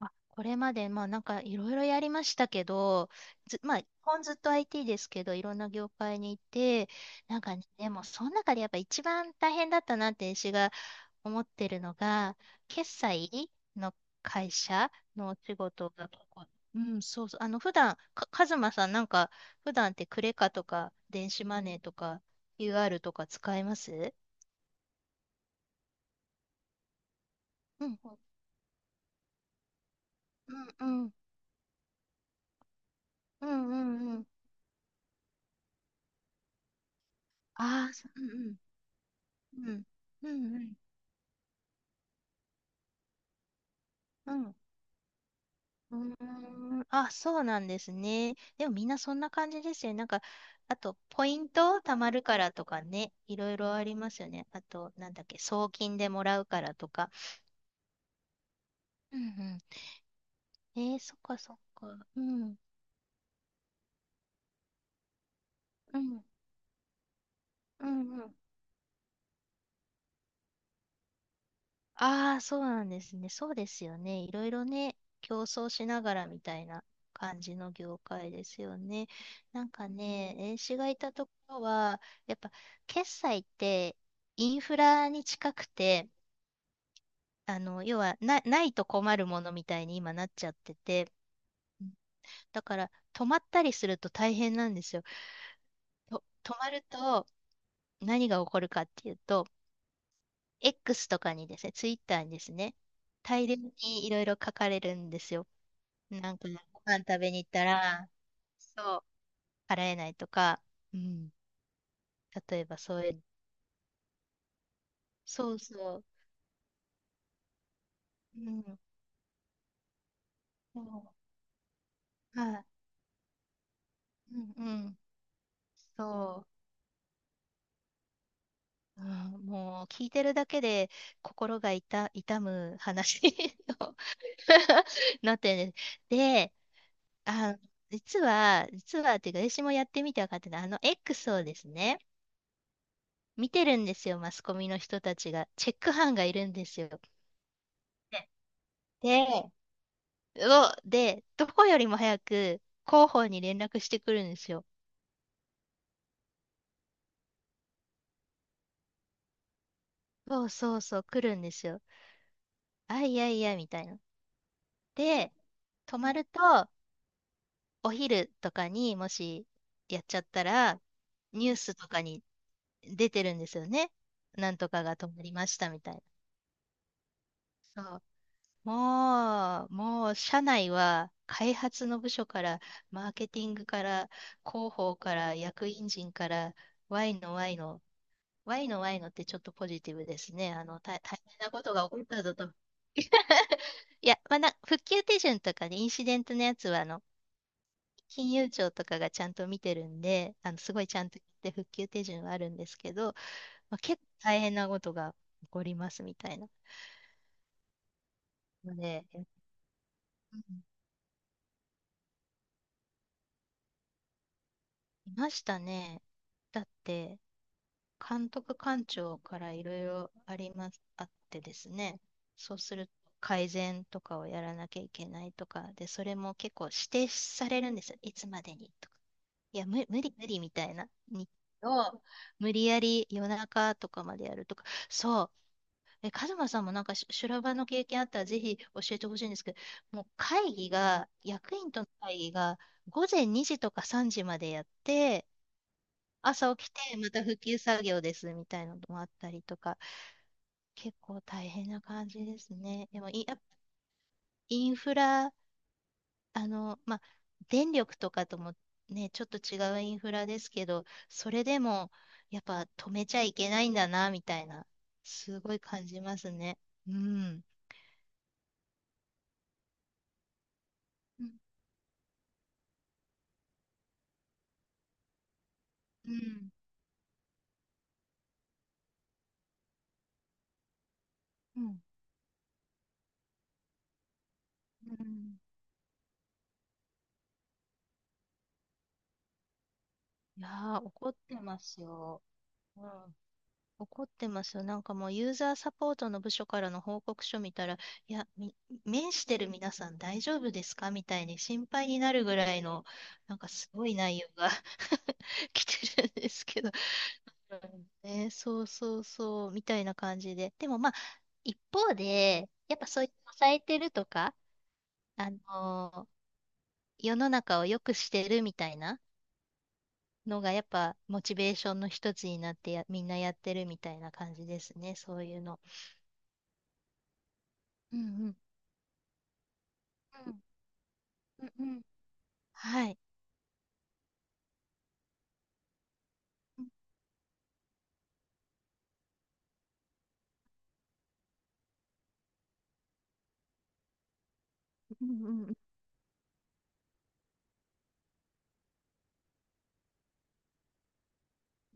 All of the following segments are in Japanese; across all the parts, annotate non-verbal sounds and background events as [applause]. あこれまで、まあなんかいろいろやりましたけど、ず、まあ、基本ずっと IT ですけど、いろんな業界にいて、なんかね、でもその中でやっぱ一番大変だったなって私が思ってるのが、決済の会社のお仕事が結構、うん、そうそう、あの、普段、か、カズマさんなんか、普段ってクレカとか、電子マネーとか、u r とか使えます？うん、うん、うん、うん、うん、うん。ああ、そううん、うん、うん、うん、うん。うん。うーん。あ、そうなんですね。でもみんなそんな感じですよね。なんか、あと、ポイント貯まるからとかね、いろいろありますよね。あと、なんだっけ、送金でもらうからとか。うんうん。えー、そっかそっか。うん。うん。うんうん。ああ、そうなんですね。そうですよね。いろいろね、競争しながらみたいな感じの業界ですよね。なんかね、絵師がいたところは、やっぱ決済ってインフラに近くて、あの、要はな、ないと困るものみたいに今なっちゃってて、うん、だから止まったりすると大変なんですよ。止まると何が起こるかっていうと、X とかにですね、Twitter にですね、大量にいろいろ書かれるんですよ。なんか、ご飯食べに行ったら、そう、払えないとか、うん。例えばそういう、そうそう、うん、そう、はい、うん、うん、そう、うん、もう聞いてるだけで心が痛、痛む話を [laughs] なってるんで、で、あ、実はっていうか、私もやってみて分かってたあの X をですね、見てるんですよ、マスコミの人たちが。チェック班がいるんですよ。で、どこよりも早く広報に連絡してくるんですよ。そうそうそう、来るんですよ。あ、いやいや、みたいな。で、泊まると、お昼とかにもしやっちゃったら、ニュースとかに出てるんですよね。なんとかが泊まりましたみたいな。そう。もう、社内は開発の部署から、マーケティングから、広報から、役員陣から、Y の Y のワイのワイのってちょっとポジティブですね。あの、大大変なことが起こったぞと。いや、[laughs] まあ、復旧手順とかでインシデントのやつは、あの、金融庁とかがちゃんと見てるんで、あの、すごいちゃんと言って復旧手順はあるんですけど、まあ、結構大変なことが起こりますみたいなので、うん、いましたね。だって、監督官庁からいろいろあります、あってですね、そうすると改善とかをやらなきゃいけないとか、で、それも結構指定されるんですよ。いつまでにとか。いや、無理無理みたいな日を無理やり夜中とかまでやるとか、そう、え、カズマさんもなんかし修羅場の経験あったらぜひ教えてほしいんですけど、もう会議が、役員との会議が午前2時とか3時までやって、朝起きて、また復旧作業ですみたいなのもあったりとか、結構大変な感じですね。でもい、やっぱインフラ、あの、まあ、電力とかともね、ちょっと違うインフラですけど、それでも、やっぱ止めちゃいけないんだな、みたいな、すごい感じますね。うん。うん。うん。うん。うん、いやー、怒ってますよ。うん、怒ってますよ。なんかもうユーザーサポートの部署からの報告書見たら、いや、み、面してる皆さん大丈夫ですかみたいに心配になるぐらいの、なんかすごい内容が [laughs] 来てるんですけど。うんね、そうそうそう、みたいな感じで。でもまあ、一方で、やっぱそういう抑えてるとか、あのー、世の中を良くしてるみたいなのが、やっぱモチベーションの一つになってやみんなやってるみたいな感じですね、そういうの。うんうん。うんうん。はい。うんうんうんう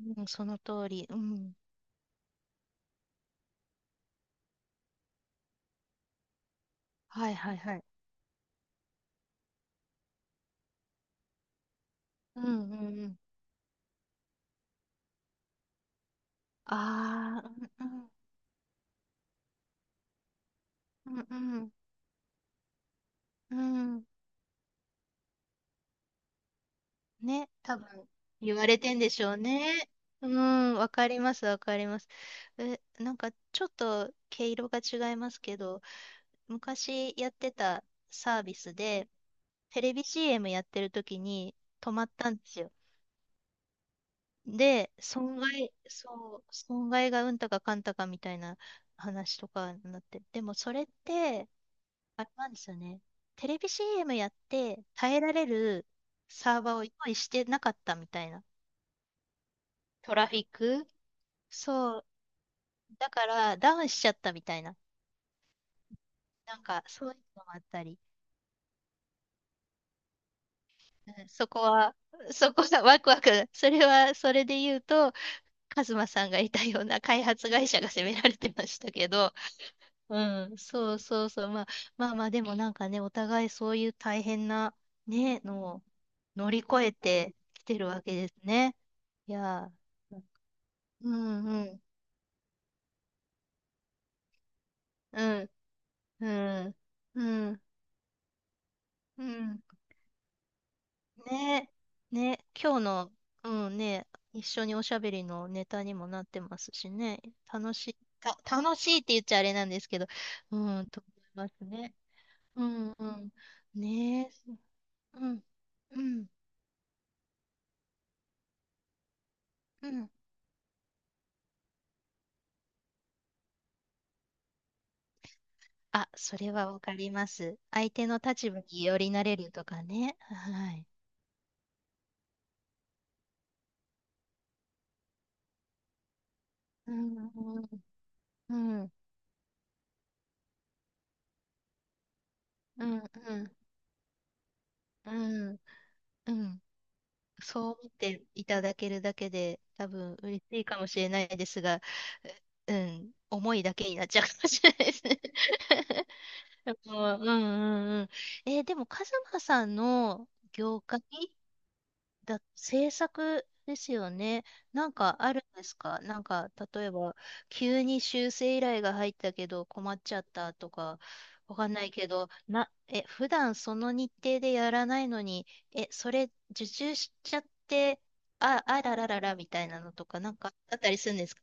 ん、うん、その通り。うん。はいはいはい。うんうんうん。ああ、うんうんうんうんうん。ね、多分言われてんでしょうね。うん、わかります、わかります。え、なんかちょっと毛色が違いますけど、昔やってたサービスで、テレビ CM やってる時に止まったんですよ。で、そう、損害がうんたかかんたかみたいな話とかになって、でもそれって、あれなんですよね。テレビ CM やって耐えられるサーバーを用意してなかったみたいな。トラフィック、そう。だからダウンしちゃったみたいな。なんかそういうのもあったり。うん、そこは、そこはワクワク。それで言うと、カズマさんがいたような開発会社が責められてましたけど、うん、そうそうそう。まあ、まあまあ、でもなんかね、お互いそういう大変な、ね、のを乗り越えてきてるわけですね。いやー、うんうん、うん、うん、うん、うん。ね、ね、今日の、うんね、一緒におしゃべりのネタにもなってますしね、楽しいって言っちゃあれなんですけど、うん、と思いますね。うん、うん、ねえ、うん、うん、うん。あ、それはわかります。相手の立場によりなれるとかね。はい。うん、うん、うん、うん、うん、うん。うん、そう思っていただけるだけで、多分嬉しいかもしれないですが、ううん、思いだけになっちゃうかもしれないですね。[laughs] もう、うん、うん、うん。えーでも、カズマさんの業界だ、制作ですよね。なんかあるんですか？なんか、例えば、急に修正依頼が入ったけど困っちゃったとか、わかんないけど、普段その日程でやらないのに、え、それ受注しちゃって、あ、あららららみたいなのとか、なんかあったりするんですか？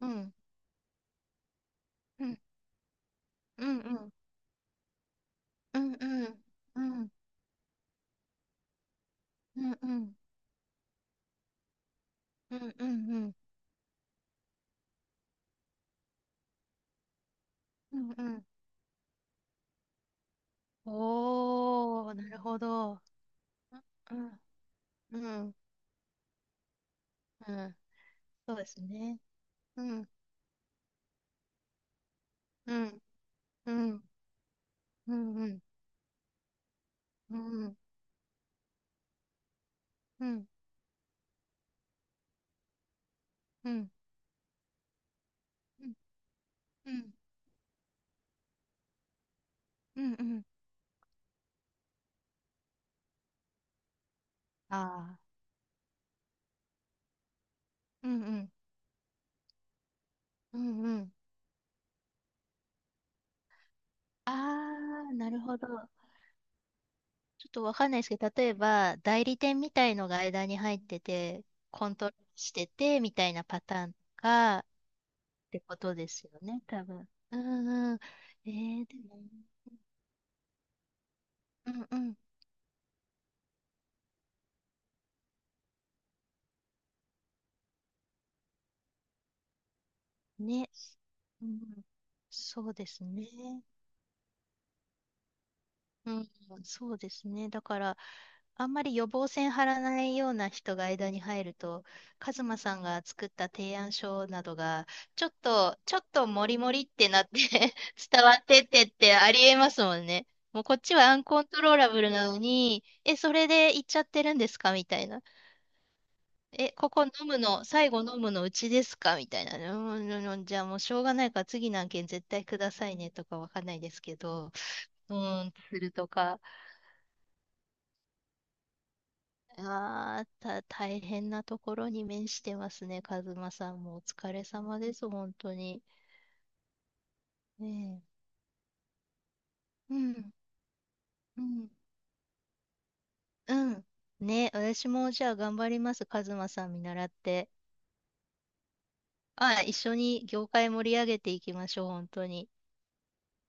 うん、うん、うん、うん、うん、うん、うん、うん、うん、うん、うん、うん、うん、うん。おー、なるほど。うん、うん。うん、そうですね。うん、うん、うん、うん、うん、うん、うん、うん、うん、うん、うん、うん、ああ、うん、うん、うん、うん。ああ、なるほど。ちょっとわかんないですけど、例えば、代理店みたいのが間に入ってて、コントロールしてて、みたいなパターンとか、ってことですよね、多分。うんうん。えー、でも、うんうん。ね。うん、そうですね。うん、そうですね。だから、あんまり予防線張らないような人が間に入ると、カズマさんが作った提案書などが、ちょっとモリモリってなって [laughs] 伝わってってってありえますもんね。もうこっちはアンコントローラブルなのに、え、それで行っちゃってるんですかみたいな。え、ここ飲むの、最後飲むのうちですかみたいな。うん、うんうん、じゃあもうしょうがないから次の案件絶対くださいねとかわかんないですけど、うーん、するとか。ああ、大変なところに面してますね、カズマさんも。お疲れ様です、本当に。ねえ。うん、うん、うん。ね、私もじゃあ頑張ります、カズマさん見習って。ああ、一緒に業界盛り上げていきましょう、本当に。